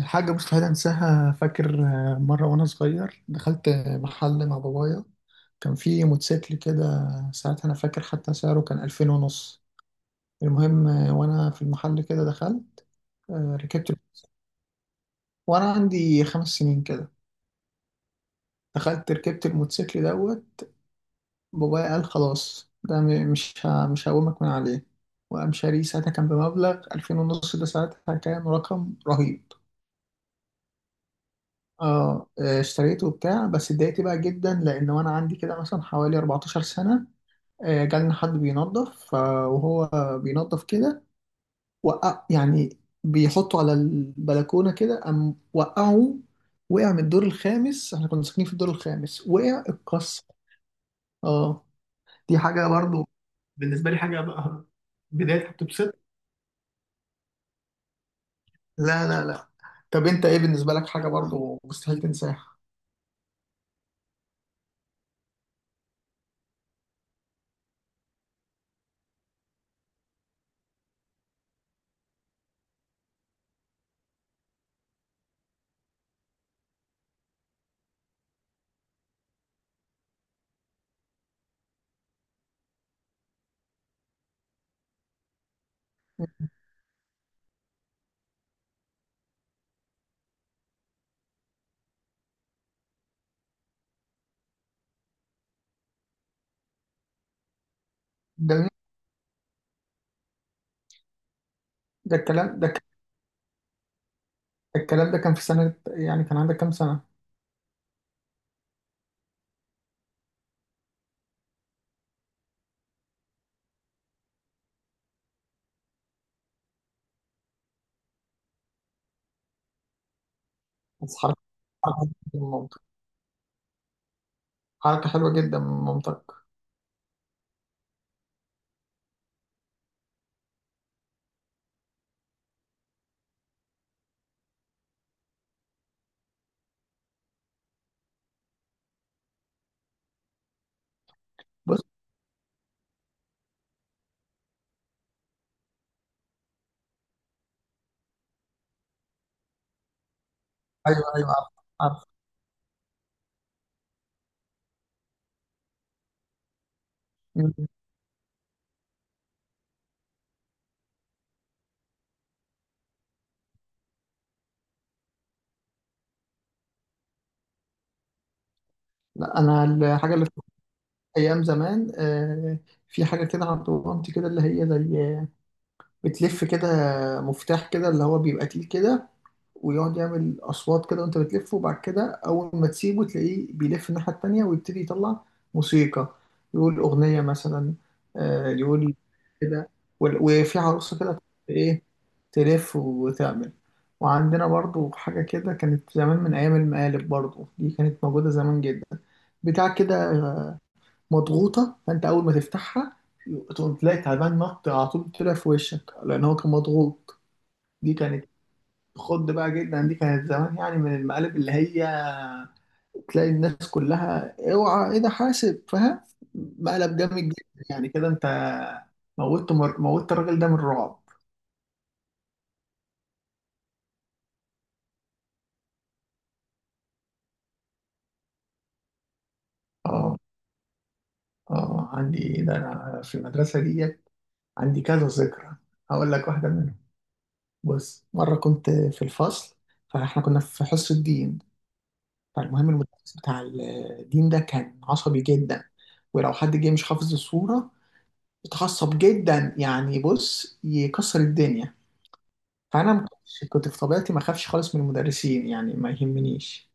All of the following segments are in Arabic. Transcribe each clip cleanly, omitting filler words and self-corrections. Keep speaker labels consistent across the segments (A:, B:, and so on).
A: حاجة مستحيل أنساها، فاكر، مرة وأنا صغير دخلت محل مع بابايا. كان في موتوسيكل كده. ساعتها أنا فاكر حتى سعره كان 2500. المهم، وأنا في المحل كده دخلت، ركبت وأنا عندي 5 سنين كده. دخلت ركبت الموتوسيكل دوت. بابايا قال خلاص، ده مش هقومك من عليه. وقام شاريه. ساعتها كان بمبلغ 2500، ده ساعتها كان رقم رهيب. اه، اشتريته وبتاع. بس اتضايقت بقى جدا، لان وانا عندي كده مثلا حوالي 14 سنه، جالنا حد بينظف، وهو بينظف كده وقع يعني. بيحطه على البلكونه كده، قام وقعه. وقع من الدور الخامس، احنا كنا ساكنين في الدور الخامس، وقع اتكسر. اه، دي حاجه برضو بالنسبه لي حاجه بقى بدايه بتبسط. لا لا لا. طب انت ايه بالنسبه لك حاجه برضو مستحيل تنساها؟ ده ده الكلام ده كان في سنة، يعني كان عندك كام سنة؟ بس حركة ممتع. حركة حلوة جدا من مامتك. بص. أيوه أيوه، عارف عارف. مم. لا أنا الحاجة اللي فاكرها أيام زمان، في حاجة كده عند مامتي كده اللي هي زي بتلف كده. مفتاح كده اللي هو بيبقى تقيل كده، ويقعد يعمل اصوات كده وانت بتلف، وبعد كده اول ما تسيبه تلاقيه بيلف الناحيه التانيه، ويبتدي يطلع موسيقى، يقول اغنيه مثلا. يقول كده. وفي عروسه كده، ايه، تلف وتعمل. وعندنا برضو حاجه كده كانت زمان، من ايام المقالب، برضو دي كانت موجوده زمان جدا. بتاع كده مضغوطه، فانت اول ما تفتحها تقوم تلاقي تعبان نط على طول طلع في وشك، لان هو كان مضغوط. دي كانت خد بقى جدا، دي كانت زمان يعني من المقالب اللي هي تلاقي الناس كلها اوعى ايه ده حاسب، فاهم؟ مقلب جامد جدا يعني. كده انت موتت الراجل ده من الرعب. اه، اه، عندي، ده انا في المدرسه دي عندي كذا ذكرى. هقول لك واحده منهم. بص، مره كنت في الفصل، فاحنا كنا في حصه الدين. فالمهم المدرس بتاع الدين ده كان عصبي جدا، ولو حد جه مش حافظ الصوره متعصب جدا يعني، بص، يكسر الدنيا. فانا ما كنتش- كنت في طبيعتي ما اخافش خالص من المدرسين، يعني ما يهمنيش.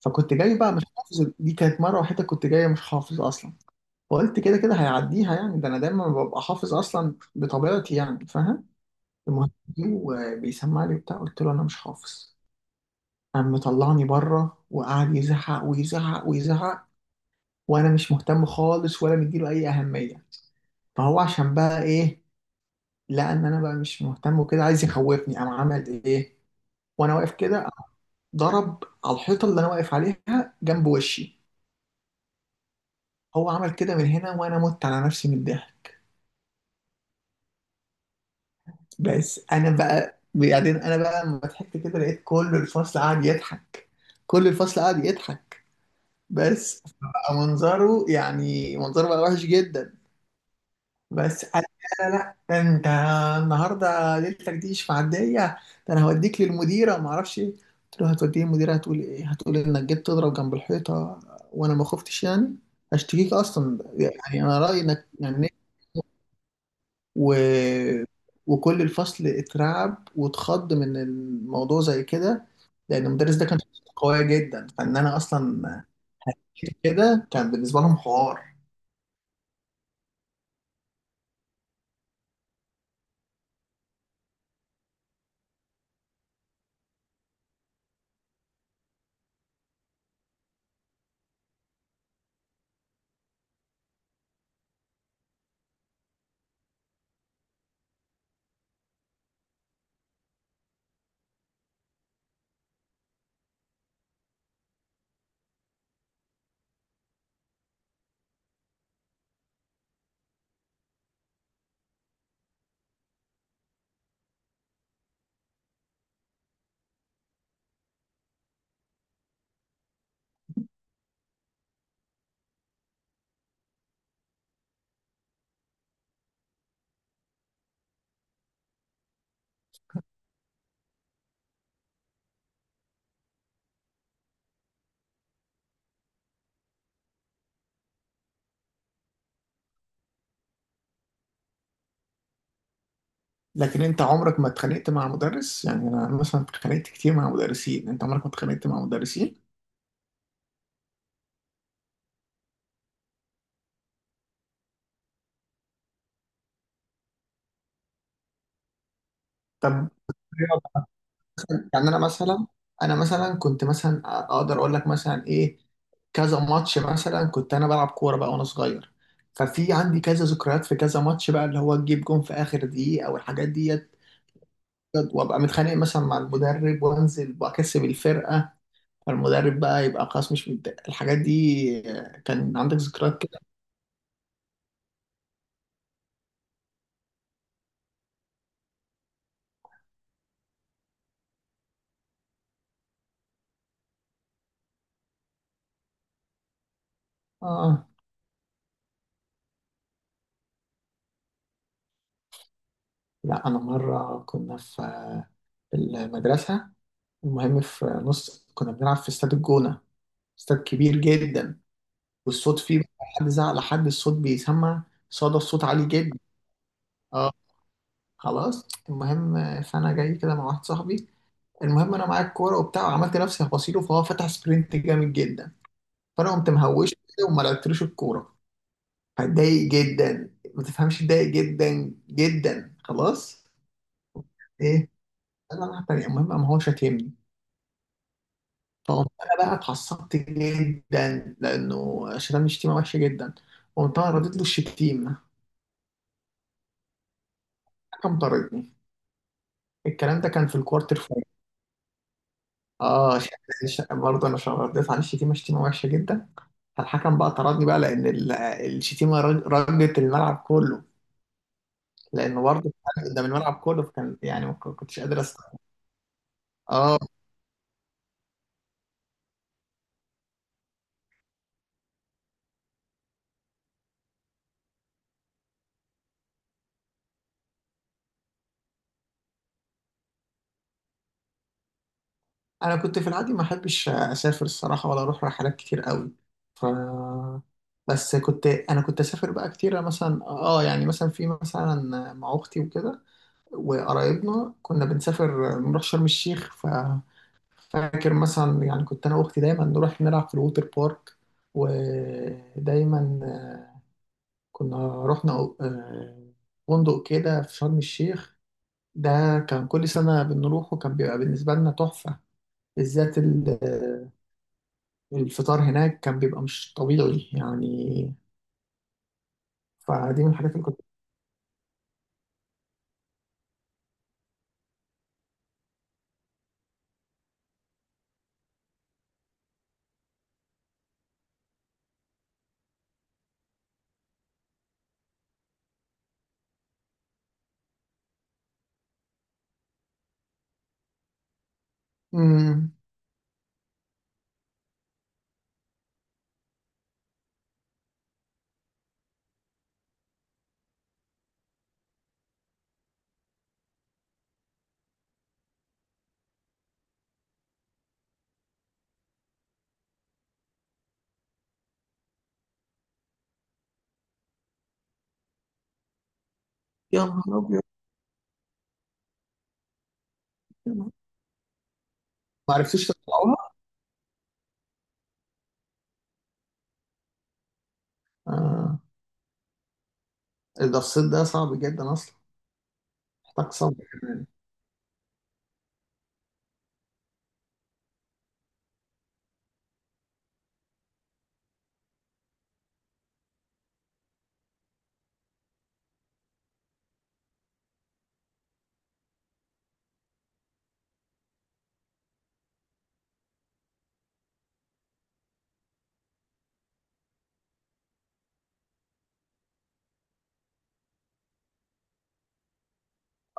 A: فكنت جاي بقى مش حافظ، دي كانت مره وحيده كنت جاي مش حافظ اصلا. فقلت كده كده هيعديها، يعني ده انا دايما ببقى حافظ اصلا بطبيعتي، يعني فاهم. المهم، بيسمع لي بتاع قلت له انا مش حافظ. قام مطلعني بره وقعد يزعق ويزعق ويزعق، وانا مش مهتم خالص ولا مديله اي اهميه. فهو عشان بقى ايه، لان انا بقى مش مهتم وكده عايز يخوفني، قام عمل ايه، وانا واقف كده قام ضرب على الحيطه اللي انا واقف عليها جنب وشي. هو عمل كده من هنا، وانا مت على نفسي من الضحك. بس انا بقى بعدين انا بقى لما ضحكت كده، لقيت كل الفصل قاعد يضحك، كل الفصل قاعد يضحك. بس بقى منظره يعني منظره بقى وحش جدا. بس قال، لا لا لا، ده انت النهارده ليلتك دي مش معديه، ده انا هوديك للمديره ما اعرفش ايه. قلت له، هتوديه المديره، هتقول ايه؟ هتقول انك جيت تضرب جنب الحيطه؟ وانا ما خفتش يعني، هشتكيك اصلا يعني، انا رايي انك يعني و... وكل الفصل اترعب واتخض من الموضوع زي كده، لان المدرس ده كان شخصيته قويه جدا. فان انا اصلا كده كان بالنسبه لهم حوار. لكن انت عمرك ما اتخانقت مع مدرس؟ يعني انا مثلا اتخانقت كتير مع مدرسين. انت عمرك ما اتخانقت مع مدرسين؟ طب يعني انا مثلا كنت مثلا اقدر اقول لك مثلا ايه، كذا ماتش مثلا كنت انا بلعب كوره بقى وانا صغير. ففي عندي كذا ذكريات في كذا ماتش بقى، اللي هو تجيب جون في اخر دقيقه او الحاجات ديت، وابقى متخانق مثلا مع المدرب وانزل واكسب الفرقه. فالمدرب بقى يبقى خلاص مش متضايق. الحاجات دي، كان عندك ذكريات كده؟ اه، لا، أنا مرة كنا في المدرسة، المهم في نص كنا بنلعب في استاد الجونة، استاد كبير جدا. والصوت فيه بقى، حد زعق لحد الصوت بيسمع، صدى الصوت عالي جدا. اه خلاص المهم. فأنا جاي كده مع واحد صاحبي، المهم أنا معايا الكورة وبتاع، وعملت نفسي هبصيله فهو فتح سبرنت جامد جدا. فأنا قمت مهوش كده وما لعبتلوش الكورة. فاتضايق جدا، ما تفهمش، اتضايق جدا جدا خلاص. ايه. انا راح تاني، المهم قام هو شتمني. فقمت انا بقى اتعصبت جدا، لانه شتمني شتيمه وحشه جدا. قمت انا رديت له الشتيمه، كم طردني. الكلام ده كان في الكوارتر فاينل. اه، برضه انا رديت عليه الشتيمه شتيمه وحشه جدا. فالحكم بقى طردني بقى، لان الشتيمه رجت الملعب كله. لانه برضه قدام الملعب كله، فكان يعني ما كنتش قادر استوعب. اه، انا كنت في العادي ما احبش اسافر الصراحه، ولا اروح رحلات كتير قوي. ف بس كنت، انا اسافر بقى كتير مثلا. اه يعني مثلا في مثلا مع اختي وكده، وقرايبنا كنا بنسافر نروح شرم الشيخ. فاكر مثلا يعني كنت انا واختي دايما نروح نلعب في الووتر بارك. ودايما كنا رحنا آه، فندق كده في شرم الشيخ، ده كان كل سنة بنروحه، كان بيبقى بالنسبة لنا تحفة. بالذات الفطار هناك كان بيبقى مش طبيعي يعني. فدي من الحاجات اللي كنت. مم. يا نهار أبيض. يا نهار- ما عرفتوش تطلعوها؟ آه. ده الصيد ده صعب جدا أصلا، محتاج صبر كمان.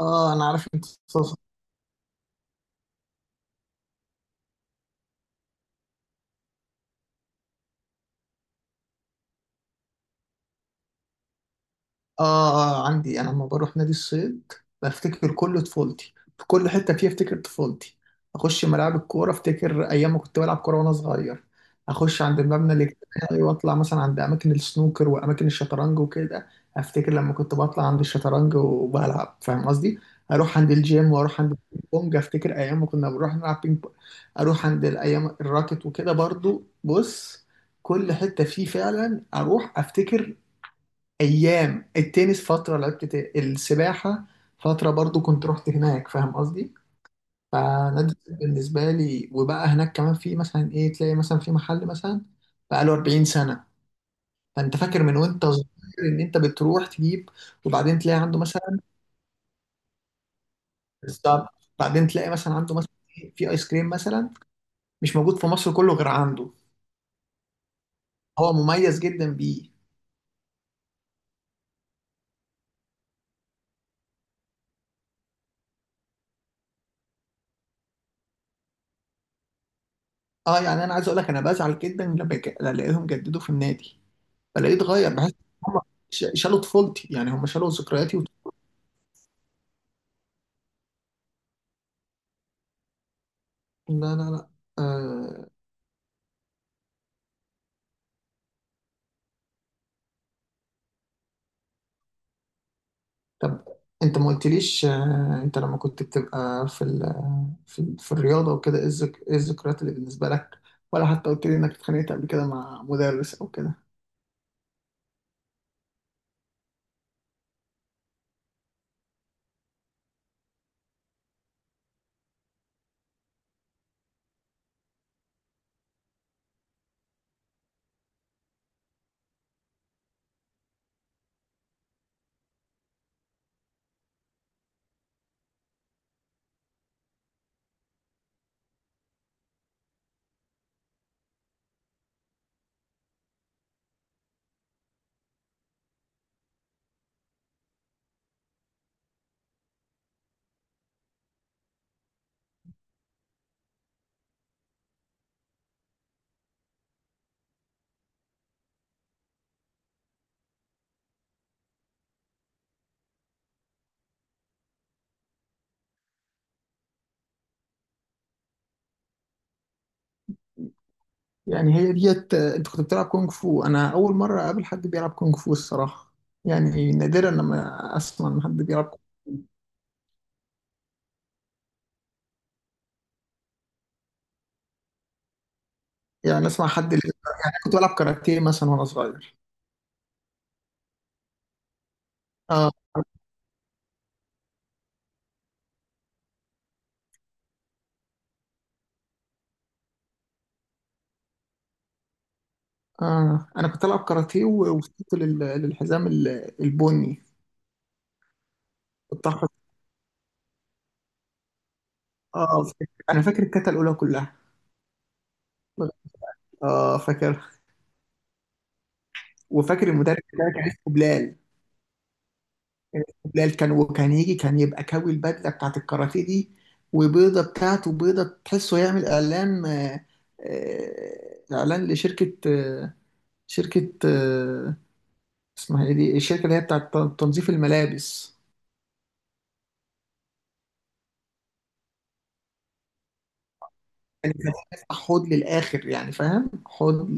A: اه، انا عارف انت. آه. آه، عندي. أنا لما بروح نادي الصيد بفتكر كل طفولتي. في كل حتة فيها أفتكر طفولتي. أخش ملاعب الكورة أفتكر أيام ما كنت بلعب كورة وأنا صغير. أخش عند المبنى الاجتماعي وأطلع مثلا عند أماكن السنوكر وأماكن الشطرنج وكده، أفتكر لما كنت بطلع عند الشطرنج وبلعب، فاهم قصدي؟ أروح عند الجيم وأروح عند البينج بونج، أفتكر أيام ما كنا بنروح نلعب بينج بونج. أروح عند الأيام الراكت وكده برضو. بص، كل حتة فيه فعلا أروح أفتكر. ايام التنس، فتره لعبت السباحه فتره برضو كنت رحت هناك، فاهم قصدي. فنادي الصيد بالنسبه لي. وبقى هناك كمان في مثلا ايه، تلاقي مثلا في محل مثلا بقى له 40 سنه، فانت فاكر من وانت صغير ان انت بتروح تجيب، وبعدين تلاقي عنده مثلا. بالظبط. بعدين تلاقي مثلا عنده مثلا إيه، في ايس كريم مثلا مش موجود في مصر كله غير عنده، هو مميز جدا بيه. اه، يعني انا عايز اقول لك، انا بزعل جدا لما لما الاقيهم جددوا في النادي، بلاقيه اتغير، بحس هم شالوا طفولتي يعني، هم شالوا ذكرياتي لا لا لا. آه... طب انت ما قلتليش، انت لما كنت بتبقى في في الرياضه وكده، ايه الذكريات اللي بالنسبه لك، ولا حتى قلت لي انك اتخانقت قبل كده مع مدرس او كده. يعني هي ديت، انت كنت بتلعب كونغ فو؟ انا اول مره اقابل حد بيلعب كونغ فو الصراحه. يعني نادرا لما اسمع ان حد بيلعب. يعني اسمع حد يعني كنت بلعب كاراتيه مثلا وانا صغير. اه، آه أنا كنت ألعب كاراتيه ووصلت للحزام البني. الطاقة. آه، فاكر. أنا فاكر الكتا الأولى كلها. آه، فاكر. وفاكر المدرب بتاعي كان اسمه بلال، كان يجي كان يبقى كوي البدلة بتاعت الكاراتيه دي، وبيضة بتاعته بيضة تحسه يعمل إعلان، إعلان لشركة، شركة اسمها إيه دي الشركة اللي هي بتاعت تنظيف الملابس. يعني كان يفتح حوض للآخر، يعني فاهم، حوض.